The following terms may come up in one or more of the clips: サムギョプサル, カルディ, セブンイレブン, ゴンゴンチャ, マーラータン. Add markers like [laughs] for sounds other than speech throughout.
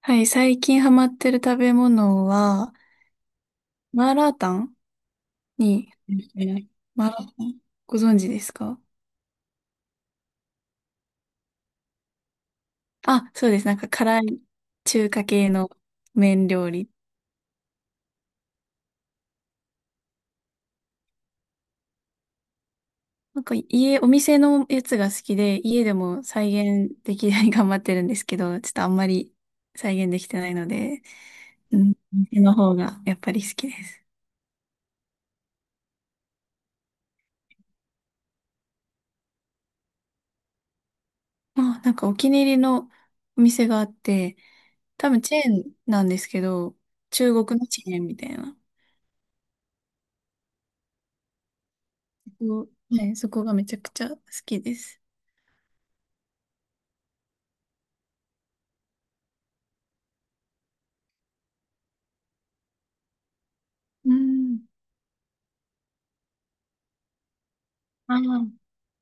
はい、最近ハマってる食べ物は、マーラータンに、んマーラータン、ご存知ですか？あ、そうです。なんか辛い中華系の麺料理。なんか家、お店のやつが好きで、家でも再現できるように頑張ってるんですけど、ちょっとあんまり再現できてないので、うん、店の方がやっぱり好きです。まあ、なんかお気に入りのお店があって、多分チェーンなんですけど、中国のチェーンみたいな。そのはい、そこがめちゃくちゃ好きです。うん。ああ、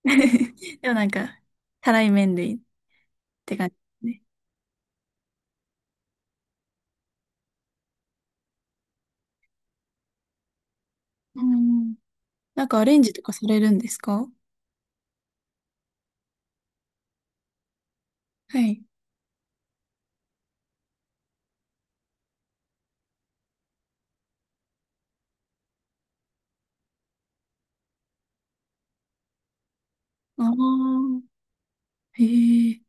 [laughs] でもなんか、たらい麺類って感じですね。うん。なんかアレンジとかされるんですか？はい。ああ、へえ。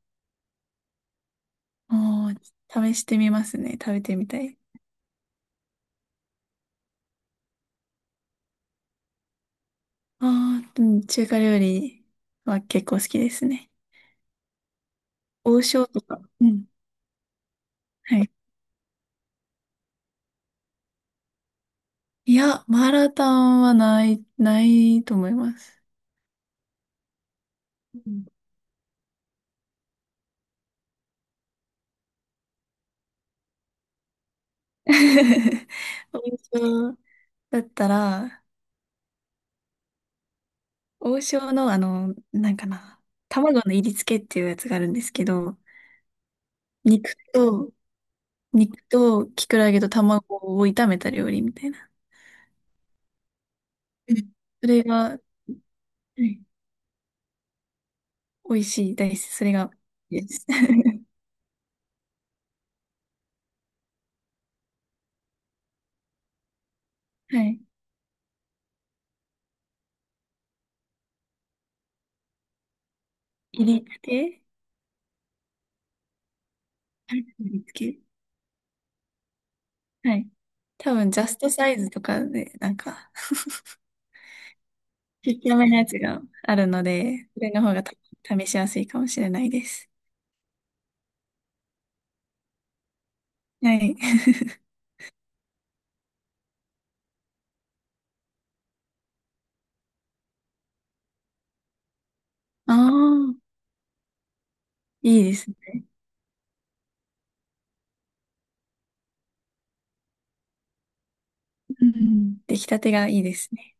ああ、試してみますね。食べてみたい。ああ、うん、中華料理は結構好きですね。王将とか。うん。はい。いや、マーラータンはない、ないと思います。うん。 [laughs] 王将だったら、王将のあの、なんかな、卵の入り付けっていうやつがあるんですけど、肉と、肉ときくらげと卵を炒めた料理みたいな。うん、それが、はい、美味しいです。それが、です。[laughs] はい。入り付け、はい、入り付け、はい。多分、ジャストサイズとかで、なんか、ちっちゃめのやつがあるので、それの方がた試しやすいかもしれないです。はい。[laughs] ああ、[laughs] いいですね。うん。出来たてがいいですね。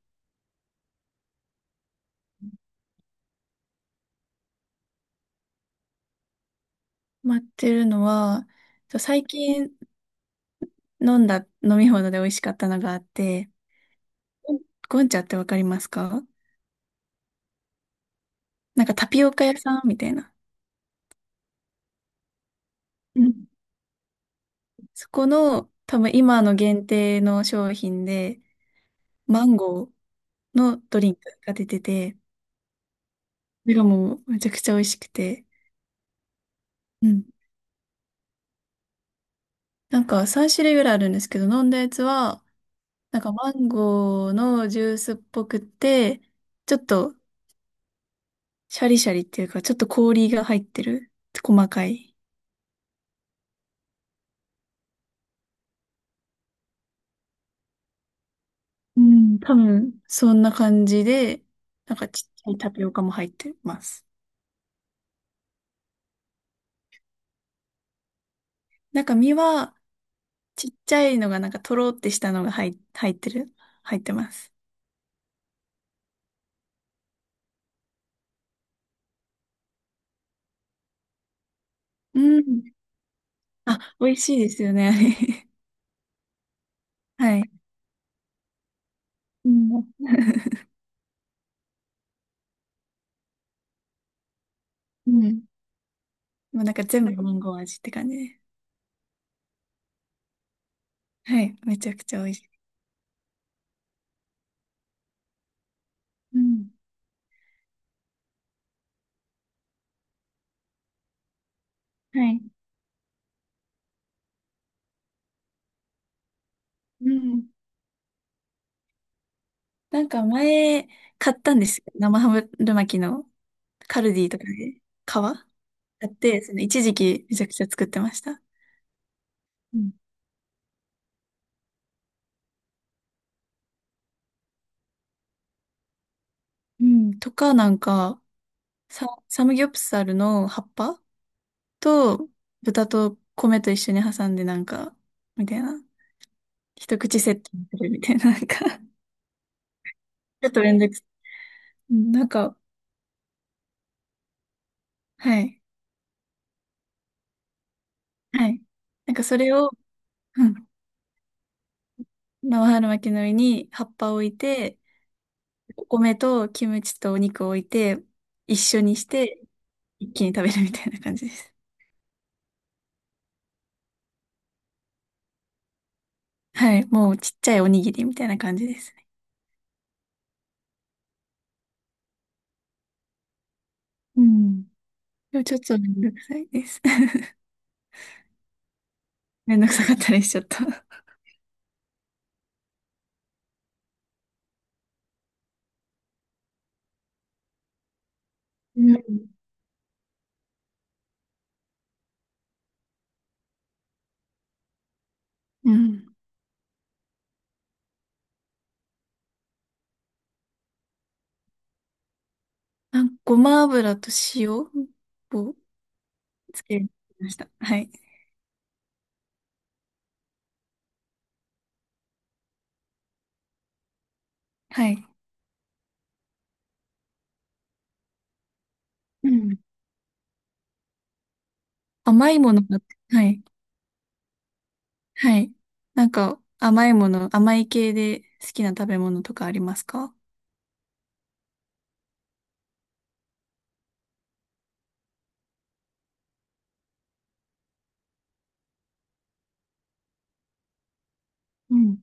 待ってるのは、そう、最近飲んだ飲み物で美味しかったのがあって、ゴンゴンチャってわかりますか？なんかタピオカ屋さんみたいな。うん。そこの多分今の限定の商品で、マンゴーのドリンクが出てて、それがもうめちゃくちゃ美味しくて。うん。なんか3種類ぐらいあるんですけど、飲んだやつは、なんかマンゴーのジュースっぽくて、ちょっとシャリシャリっていうか、ちょっと氷が入ってる。細かい。うん、多分、そんな感じで、なんかちっちゃいタピオカも入ってます。なんか身は、ちっちゃいのがなんかとろってしたのが入ってる。入ってます。うん。あ、美味しいですよね。[laughs] あれ。[laughs] はい。うん、うん。もうなんか全部マンゴー味って感じで。はい。めちゃくちゃ美味しい。うん、はい。うん。なんか前、買ったんですよ。生ハムル巻きの。カルディとかで皮やって、その一時期めちゃくちゃ作ってました。うん。うんとか、なんか、サムギョプサルの葉っぱと豚と米と一緒に挟んでなんか、みたいな。一口セットにするみたいな、なんか [laughs] ちょっとめんどくさい。うん、なんか、はい。はい。なんかそれを、うん。生春巻きの上に葉っぱを置いて、お米とキムチとお肉を置いて、一緒にして、一気に食べるみたいな感じです。はい、もうちっちゃいおにぎりみたいな感じですね。うん。でもちょっとめんどくさいです。[laughs] めんどくさかったりしちゃった。うん。うん。あ、ごま油と塩をつけました。はい。はい。うん。甘いものが、はい。はい。なんか、甘いもの、甘い系で好きな食べ物とかありますか？うん、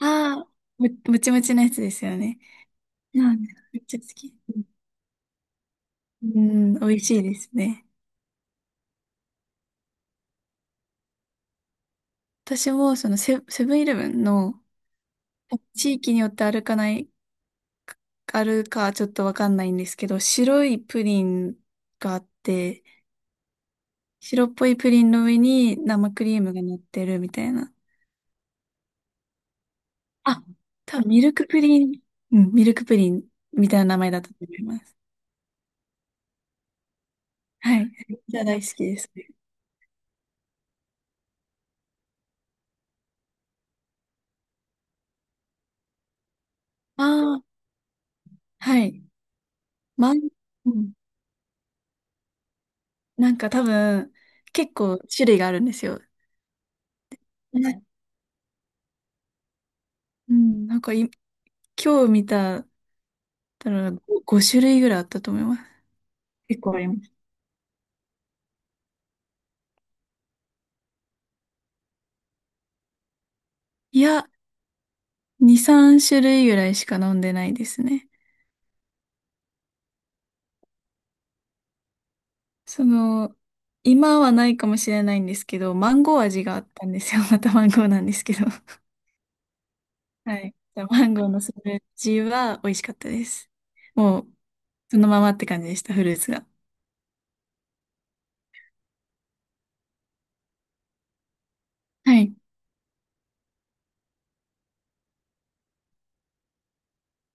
ああー、も、もちもちのやつですよね。なんだめっちゃ好き。うん、うん、美味しいですね。私もそのセブンイレブンの地域によってあるかない、あるかちょっとわかんないんですけど、白いプリンがあって、白っぽいプリンの上に生クリームが乗ってるみたいな。あ、多分ミルクプリン、うん、ミルクプリンみたいな名前だったと思います。はい。じゃあ大好きですね。ああ、はい。まん、うん、なんか多分、結構種類があるんですよ。ね、うん、なんかい今日見たたら5種類ぐらいあったと思います。結構あります。いや、2、3種類ぐらいしか飲んでないですね。その、今はないかもしれないんですけど、マンゴー味があったんですよ。[laughs] またマンゴーなんですけど。はい。マンゴーのスムージーは美味しかったです。もう、そのままって感じでした、フルーツが。はい。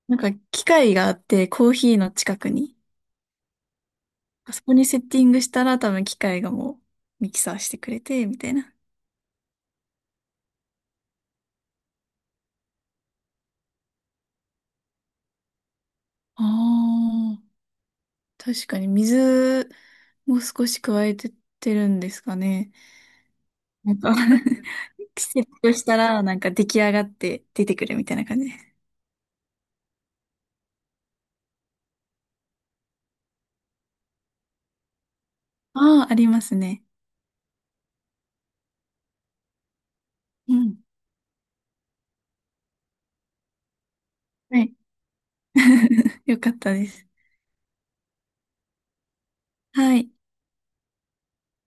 なんか、機械があって、コーヒーの近くに。あそこにセッティングしたら、多分機械がもう、ミキサーしてくれて、みたいな。ああ。確かに水も少し加えてってるんですかね。なんか [laughs] 季節としたら、なんか出来上がって出てくるみたいな感じです。ああ、ありますね。うん。はい。[laughs] よかったです。はい。